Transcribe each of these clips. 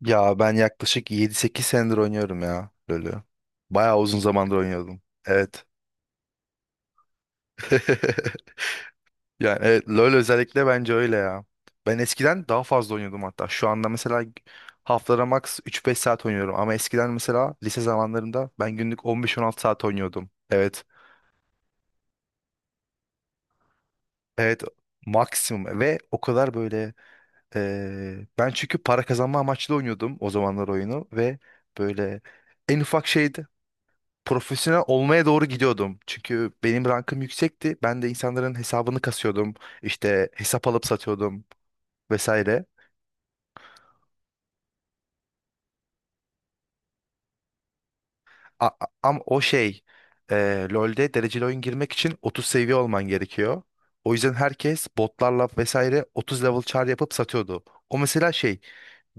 Ya ben yaklaşık yedi sekiz senedir oynuyorum ya LoL'ü. Bayağı uzun zamandır oynuyordum. Evet. Yani evet, LoL özellikle bence öyle ya. Ben eskiden daha fazla oynuyordum hatta. Şu anda mesela haftada max üç beş saat oynuyorum. Ama eskiden mesela lise zamanlarında ben günlük 15 on 16 saat oynuyordum. Evet. Evet, maksimum ve o kadar böyle ben çünkü para kazanma amaçlı oynuyordum o zamanlar oyunu ve böyle en ufak şeydi, profesyonel olmaya doğru gidiyordum. Çünkü benim rankım yüksekti. Ben de insanların hesabını kasıyordum. İşte hesap alıp satıyordum vesaire. Ama o şey, LoL'de dereceli oyun girmek için 30 seviye olman gerekiyor. O yüzden herkes botlarla vesaire 30 level char yapıp satıyordu. O mesela şey,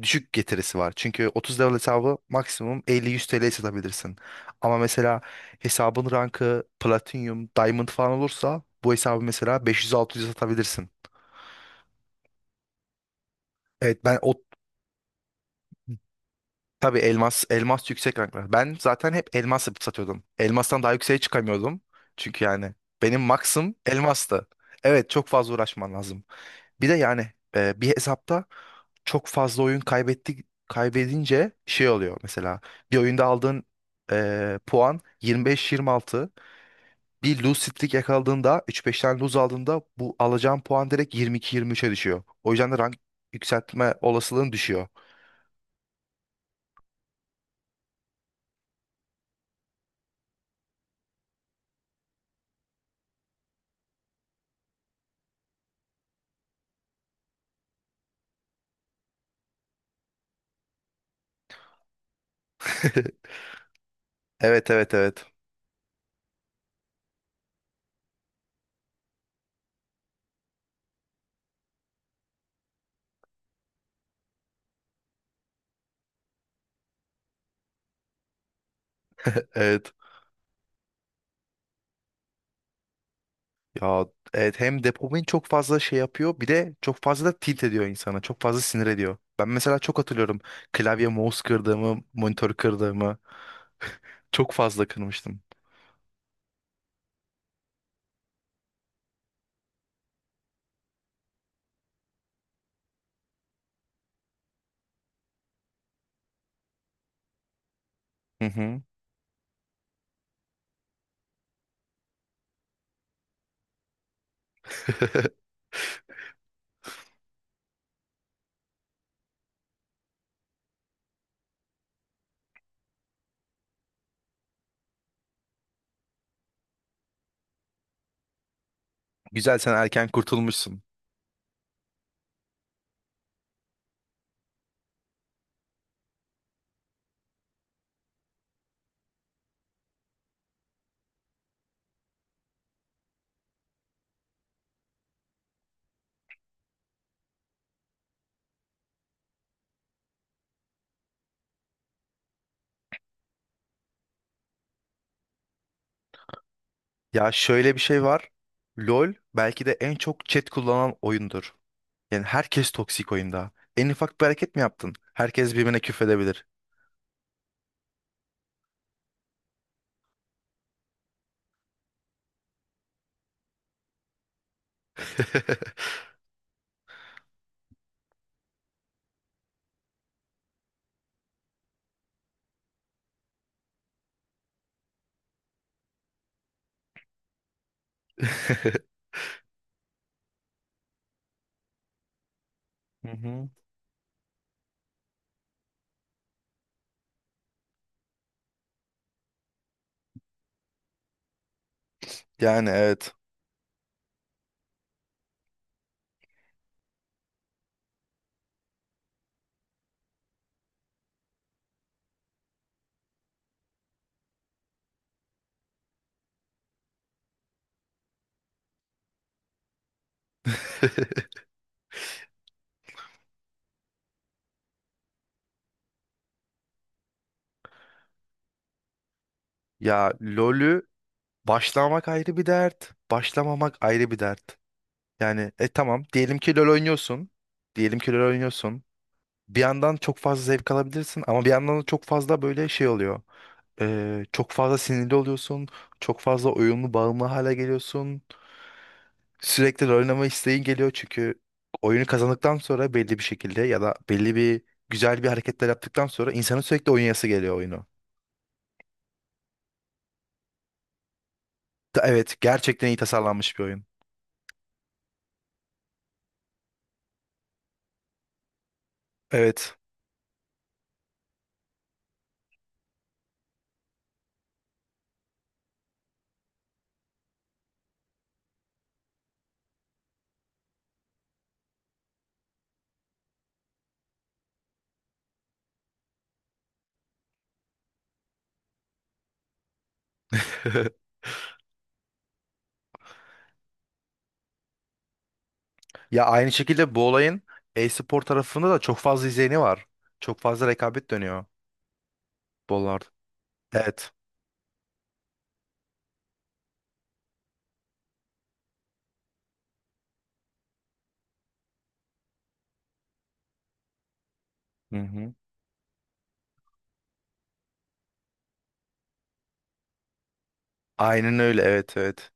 düşük getirisi var. Çünkü 30 level hesabı maksimum 50-100 TL'ye satabilirsin. Ama mesela hesabın rankı platinum, diamond falan olursa bu hesabı mesela 500-600'e satabilirsin. Evet ben o, tabii elmas elmas yüksek ranklar. Ben zaten hep elmas yapıp satıyordum. Elmastan daha yükseğe çıkamıyordum. Çünkü yani benim maksim elmastı. Evet, çok fazla uğraşman lazım. Bir de yani bir hesapta çok fazla oyun kaybedince şey oluyor mesela, bir oyunda aldığın puan 25-26. Bir lose streak yakaladığında üç 5 tane lose aldığında bu alacağın puan direkt 22-23'e düşüyor. O yüzden de rank yükseltme olasılığın düşüyor. Evet, evet, evet. Evet. Ya evet, hem dopamin çok fazla şey yapıyor, bir de çok fazla da tilt ediyor insana. Çok fazla sinir ediyor. Ben mesela çok hatırlıyorum klavye mouse kırdığımı, monitör kırdığımı, çok fazla kırmıştım. Hı hı. Güzel, sen erken kurtulmuşsun. Ya şöyle bir şey var. LoL belki de en çok chat kullanan oyundur. Yani herkes toksik oyunda. En ufak bir hareket mi yaptın? Herkes birbirine küfredebilir. Hı hı. Yani evet. Ya LoL'ü Başlamak ayrı bir dert, başlamamak ayrı bir dert. Yani tamam, diyelim ki LoL oynuyorsun. Diyelim ki LoL oynuyorsun. Bir yandan çok fazla zevk alabilirsin ama bir yandan da çok fazla böyle şey oluyor. Çok fazla sinirli oluyorsun. Çok fazla oyunlu bağımlı hale geliyorsun. Sürekli LoL oynama isteğin geliyor çünkü oyunu kazandıktan sonra belli bir şekilde, ya da belli bir güzel bir hareketler yaptıktan sonra insanın sürekli oynayası geliyor oyunu. Evet, gerçekten iyi tasarlanmış bir oyun. Evet. Ya aynı şekilde bu olayın e-spor tarafında da çok fazla izleyeni var. Çok fazla rekabet dönüyor bollarda. Evet. Hı hı. Aynen öyle, evet, evet.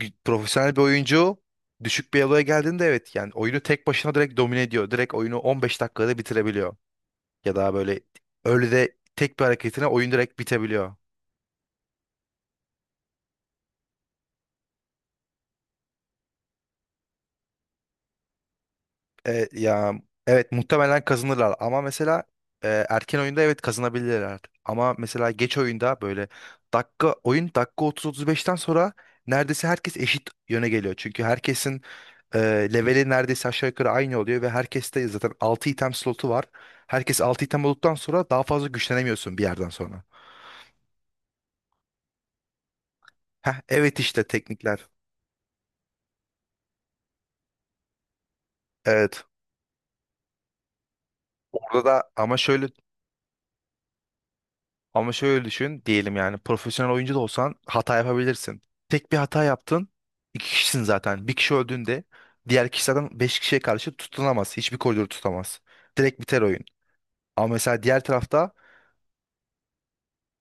Profesyonel bir oyuncu düşük bir eloya geldiğinde evet yani oyunu tek başına direkt domine ediyor. Direkt oyunu 15 dakikada bitirebiliyor. Ya da böyle öyle de tek bir hareketine oyun direkt bitebiliyor. Ya evet, muhtemelen kazanırlar ama mesela erken oyunda evet kazanabilirler. Ama mesela geç oyunda böyle dakika 30-35'ten sonra neredeyse herkes eşit yöne geliyor. Çünkü herkesin e, leveli neredeyse aşağı yukarı aynı oluyor ve herkeste zaten 6 item slotu var. Herkes 6 item olduktan sonra daha fazla güçlenemiyorsun bir yerden sonra. Evet, işte teknikler. Evet. Orada da ama şöyle Ama şöyle düşün, diyelim yani profesyonel oyuncu da olsan hata yapabilirsin. Tek bir hata yaptın. İki kişisin zaten. Bir kişi öldüğünde diğer kişi zaten beş kişiye karşı tutunamaz. Hiçbir koridoru tutamaz. Direkt biter oyun. Ama mesela diğer tarafta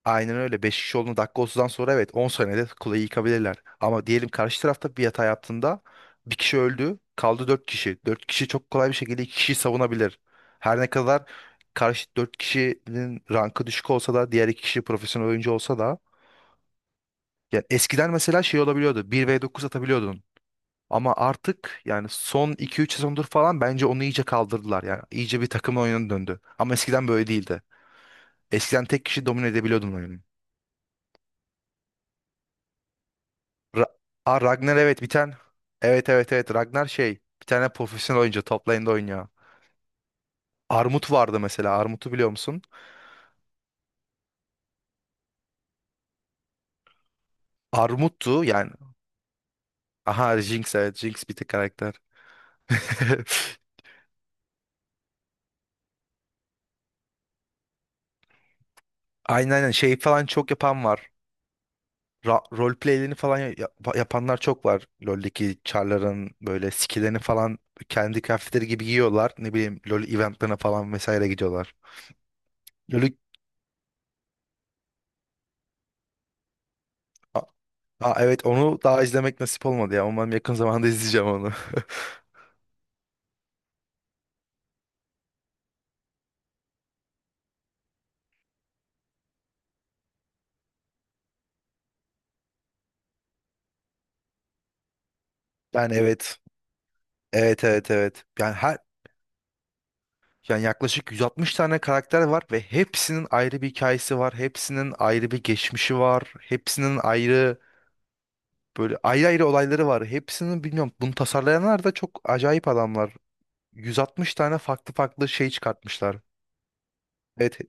aynen öyle. Beş kişi olduğunda dakika 30'dan sonra evet 10 saniyede kuleyi yıkabilirler. Ama diyelim karşı tarafta bir hata yaptığında bir kişi öldü. Kaldı dört kişi. Dört kişi çok kolay bir şekilde iki kişiyi savunabilir. Her ne kadar karşı dört kişinin rankı düşük olsa da diğer iki kişi profesyonel oyuncu olsa da, ya eskiden mesela şey olabiliyordu, bir v dokuz atabiliyordun. Ama artık yani son iki üç sezondur falan bence onu iyice kaldırdılar. Yani iyice bir takım oyununa döndü. Ama eskiden böyle değildi. Eskiden tek kişi domine edebiliyordun oyunu. Ra Ragnar, evet, bir tane. Evet evet evet, Ragnar şey. Bir tane profesyonel oyuncu top lane'de oynuyor. Armut vardı mesela. Armut'u biliyor musun? Armut'tu yani. Aha, Jinx, evet, Jinx bir tek karakter. Aynen aynen, şey falan çok yapan var. Rol playlerini falan yapanlar çok var. LoL'deki char'ların böyle skill'lerini falan kendi kıyafetleri gibi giyiyorlar. Ne bileyim LoL eventlerine falan vesaire gidiyorlar. LoL'ü A- evet onu daha izlemek nasip olmadı ya. Umarım yakın zamanda izleyeceğim onu. Yani evet. Evet evet evet. Yani her yani yaklaşık 160 tane karakter var ve hepsinin ayrı bir hikayesi var. Hepsinin ayrı bir geçmişi var. Hepsinin ayrı, böyle ayrı ayrı olayları var. Hepsinin bilmiyorum, bunu tasarlayanlar da çok acayip adamlar. 160 tane farklı farklı şey çıkartmışlar. Evet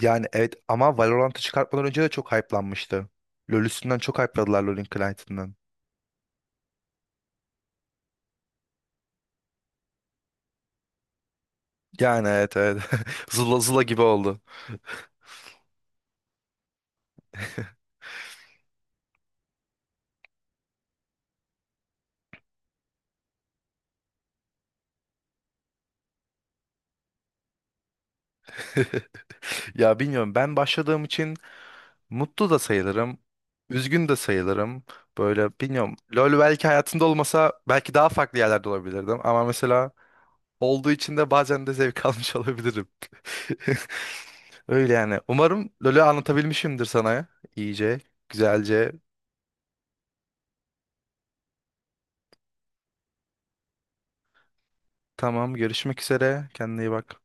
yani evet, ama Valorant'ı çıkartmadan önce de çok hype'lanmıştı. LoL üstünden çok hype'ladılar LoL'ün client'ından. Yani evet, evet. Zula zula gibi oldu. Ya bilmiyorum, ben başladığım için mutlu da sayılırım. Üzgün de sayılırım. Böyle bilmiyorum. LoL belki hayatımda olmasa belki daha farklı yerlerde olabilirdim. Ama mesela olduğu için de bazen de zevk almış olabilirim. Öyle yani. Umarım LoL'ü anlatabilmişimdir sana iyice, güzelce. Tamam, görüşmek üzere. Kendine iyi bak.